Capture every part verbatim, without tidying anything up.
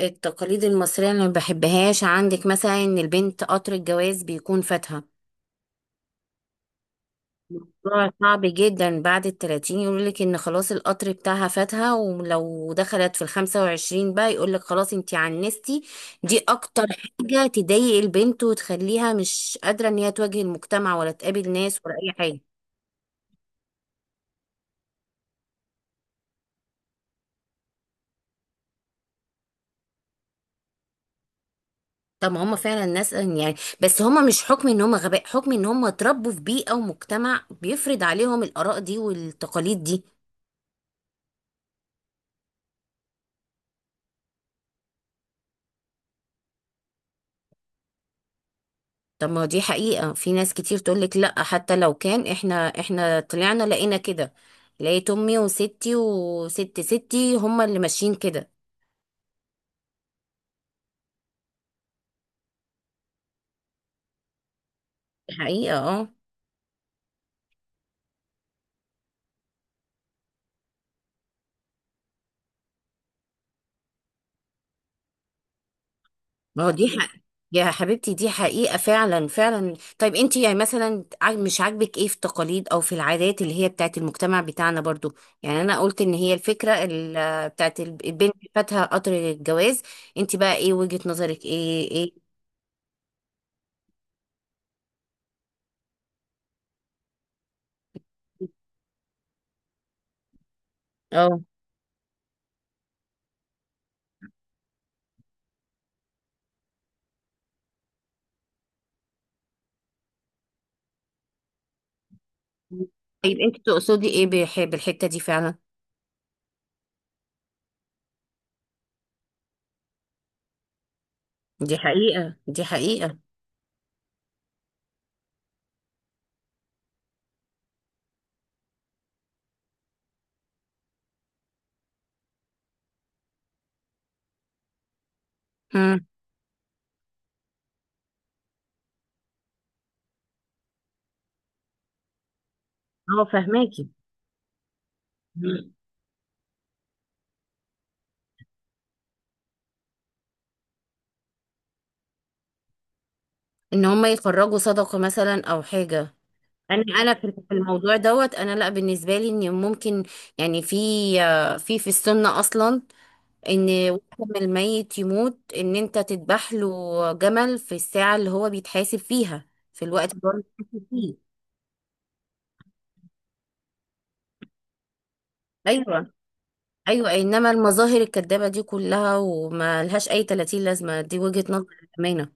التقاليد المصرية اللي ما بحبهاش عندك مثلا ان البنت قطر الجواز بيكون فاتها. موضوع صعب جدا بعد التلاتين يقولك ان خلاص القطر بتاعها فاتها، ولو دخلت في الخمسة وعشرين بقى يقولك خلاص انتي عنستي. دي اكتر حاجة تضايق البنت وتخليها مش قادرة ان هي تواجه المجتمع ولا تقابل ناس ولا اي حاجة. طب ما هم فعلا ناس يعني، بس هم مش حكم ان هم غباء، حكم ان هم اتربوا في بيئة ومجتمع بيفرض عليهم الآراء دي والتقاليد دي. طب ما دي حقيقة، في ناس كتير تقولك لأ حتى لو كان احنا احنا طلعنا لقينا كده. لقيت امي وستي وست ستي هما اللي ماشيين كده. دي حقيقة، اه. ما هو دي حق يا حبيبتي، دي حقيقة فعلا فعلا. طيب انتي يعني مثلا عاج- مش عاجبك ايه في التقاليد او في العادات اللي هي بتاعت المجتمع بتاعنا برضو؟ يعني انا قلت ان هي الفكرة ال- بتاعت الب- البنت فاتها قطر الجواز. انتي بقى ايه وجهة نظرك؟ ايه ايه؟ اه. طيب انتي تقصدي ايه بح- بالحتة دي فعلا؟ دي حقيقة، دي حقيقة. امم. اه، فهماكي. مم. ان هم يخرجوا صدقة مثلا او حاجة. انا انا في في الموضوع دوت، انا لا بالنسبة لي ان ممكن، يعني في في في السنة اصلا، ان وقت ما الميت يموت ان انت تذبح له جمل في الساعة اللي هو بيتحاسب فيها، في الوقت اللي هو بيتحاسب فيه. ايوه، ايوه، انما المظاهر الكدابة دي كلها وما لهاش اي تلاتين لازمة، دي وجهة نظر الامانة.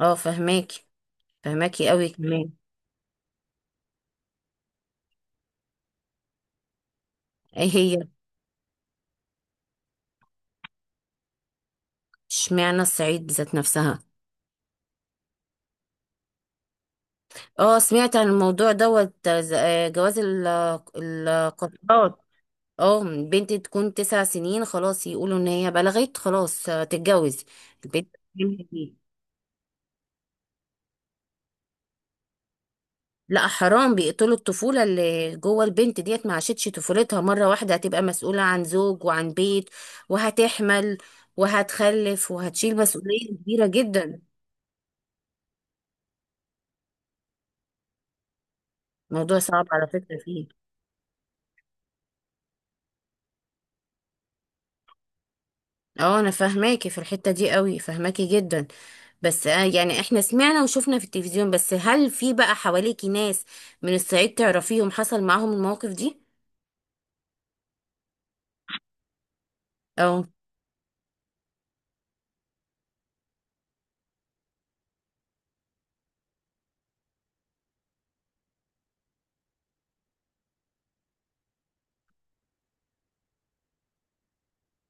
اه، فهماكي، فهماكي قوي كمان. ايه هي؟ اشمعنى الصعيد ذات نفسها؟ اه، سمعت عن الموضوع دوت، آه، ز- آه، جواز ال- القطارات. اه، بنت تكون تسع سنين خلاص يقولوا ان هي بلغت، خلاص آه، تتجوز. البنت دي- لا حرام، بيقتلوا الطفولة اللي جوه البنت ديت، ما عاشتش طفولتها، مرة واحدة هتبقى مسؤولة عن زوج وعن بيت، وهتحمل وهتخلف وهتشيل مسؤولية كبيرة جدا. موضوع صعب على فكرة فيه. اه انا فاهماكي في الحتة دي قوي، فاهماكي جدا. بس آه يعني احنا سمعنا وشفنا في التلفزيون، بس هل في بقى حواليكي ناس من الصعيد تعرفيهم حصل معاهم المواقف دي؟ او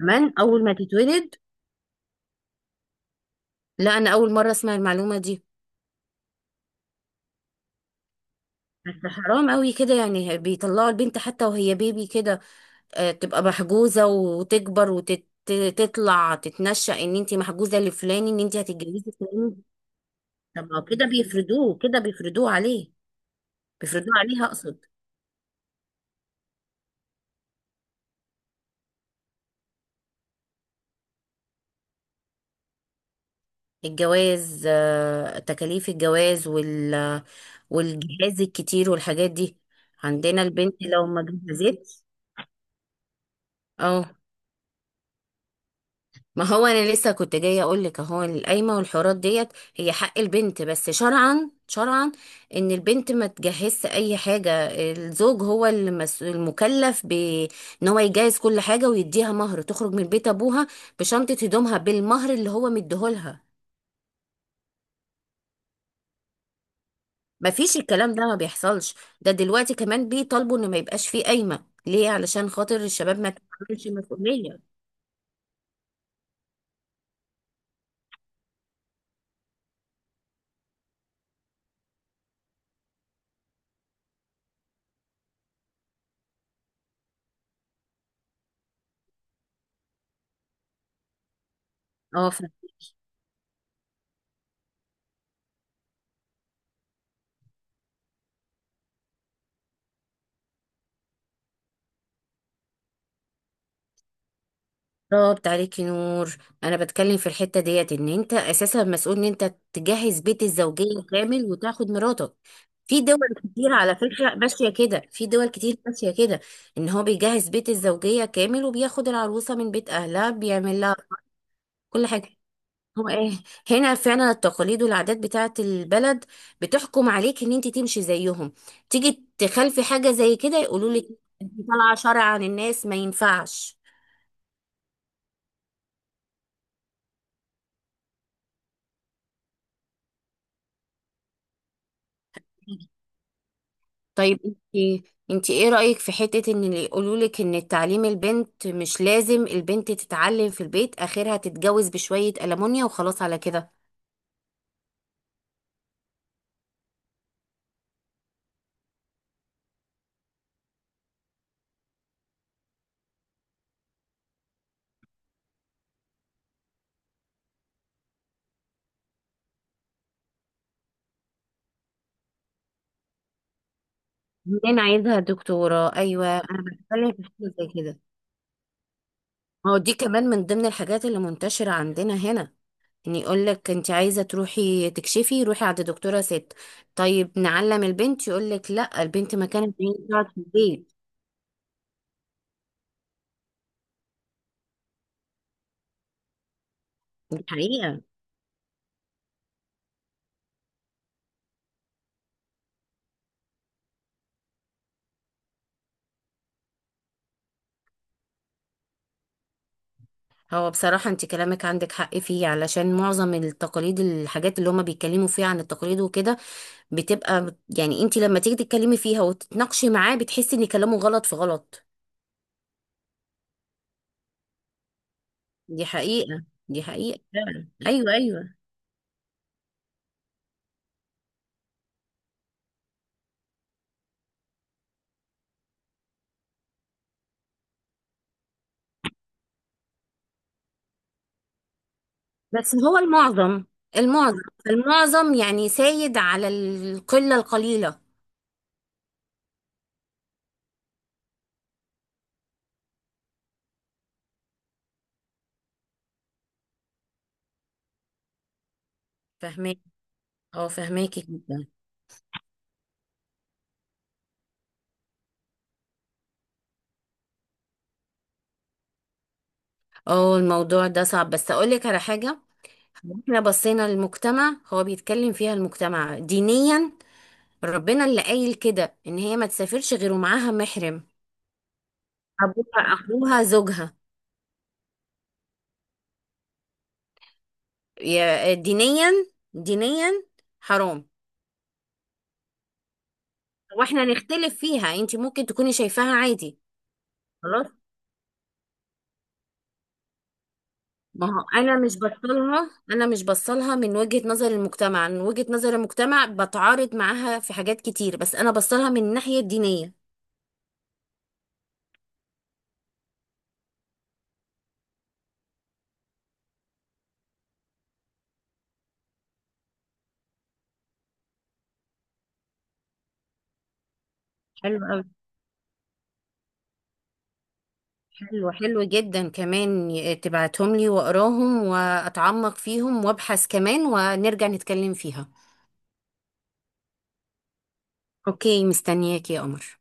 كمان اول ما تتولد. لا، انا اول مرة اسمع المعلومة دي. بس حرام قوي كده يعني، بيطلعوا البنت حتى وهي بيبي كده، آه تبقى محجوزة وتكبر وتطلع تتنشأ ان انت محجوزة لفلان، ان انت هتتجوزي فلان. طب ما هو كده بيفرضوه، كده بيفرضوه عليه، بيفرضوه عليها اقصد. الجواز آه، تكاليف الجواز وال والجهاز الكتير والحاجات دي، عندنا البنت لو ما جهزتش. اه ما هو انا لسه كنت جايه اقول لك، اهو القايمه والحوارات ديت هي حق البنت، بس شرعا شرعا ان البنت ما تجهزش اي حاجه، الزوج هو المس- المكلف بان هو يجهز كل حاجه ويديها مهر، تخرج من بيت ابوها بشنطه هدومها بالمهر اللي هو مديهولها. ما فيش، الكلام ده ما بيحصلش. ده دلوقتي كمان بيطالبوا ان ما يبقاش فيه قايمة ليه، علشان خاطر الشباب ما تتحملش مسؤولية. اه ف- بالظبط، عليكي نور. انا بتكلم في الحتة ديت ان انت اساسا مسؤول ان انت تجهز بيت الزوجية كامل وتاخد مراتك. في دول كتير على فكرة ماشية كده، في دول كتير ماشية كده، ان هو بيجهز بيت الزوجية كامل وبياخد العروسة من بيت اهلها، بيعمل لها كل حاجة. هو ايه؟ هنا فعلا التقاليد والعادات بتاعت البلد بتحكم عليك ان انت تمشي زيهم. تيجي تخالفي حاجة زي كده يقولوا لك انت طالعة شرع عن الناس، ما ينفعش. طيب انت انت ايه رأيك في حتة ان اللي يقولوا لك ان تعليم البنت مش لازم، البنت تتعلم في البيت اخرها تتجوز بشوية ألمونيا وخلاص على كده؟ منين عايزها دكتورة؟ ايوه انا بتكلم في حاجة زي كده. ما هو دي كمان من ضمن الحاجات اللي منتشرة عندنا هنا، يعني يقول لك انت عايزه تروحي تكشفي روحي عند دكتوره ست، طيب نعلم البنت يقول لك لا، البنت ما كانت عايزة تقعد في البيت. دي حقيقه. هو بصراحه انت كلامك عندك حق فيه، علشان معظم التقاليد، الحاجات اللي هما بيتكلموا فيها عن التقاليد وكده، بتبقى يعني انت لما تيجي تتكلمي فيها وتتناقشي معاه بتحسي ان كلامه غلط في غلط. دي حقيقه دي حقيقه فعلا، ايوه ايوه. بس هو المعظم، المعظم المعظم يعني سايد على القله القليله. فاهمه. اه، فهماكي جدا. اه الموضوع ده صعب، بس اقول لك على حاجه. احنا بصينا للمجتمع، هو بيتكلم فيها المجتمع دينيا، ربنا اللي قايل كده ان هي ما تسافرش غير ومعاها محرم، ابوها اخوها زوجها. يا- دينيا، دينيا، حرام. واحنا نختلف فيها، انت ممكن تكوني شايفاها عادي. خلاص. ما هو انا مش بصلها، انا مش بصلها من وجهة نظر المجتمع، من وجهة نظر المجتمع بتعارض معاها في حاجات كتير، بس انا بصلها من الناحية الدينية. حلو أوي، حلو حلو جدا كمان، ي- تبعتهم لي وأقراهم وأتعمق فيهم وأبحث كمان ونرجع نتكلم فيها. أوكي، مستنياك يا قمر.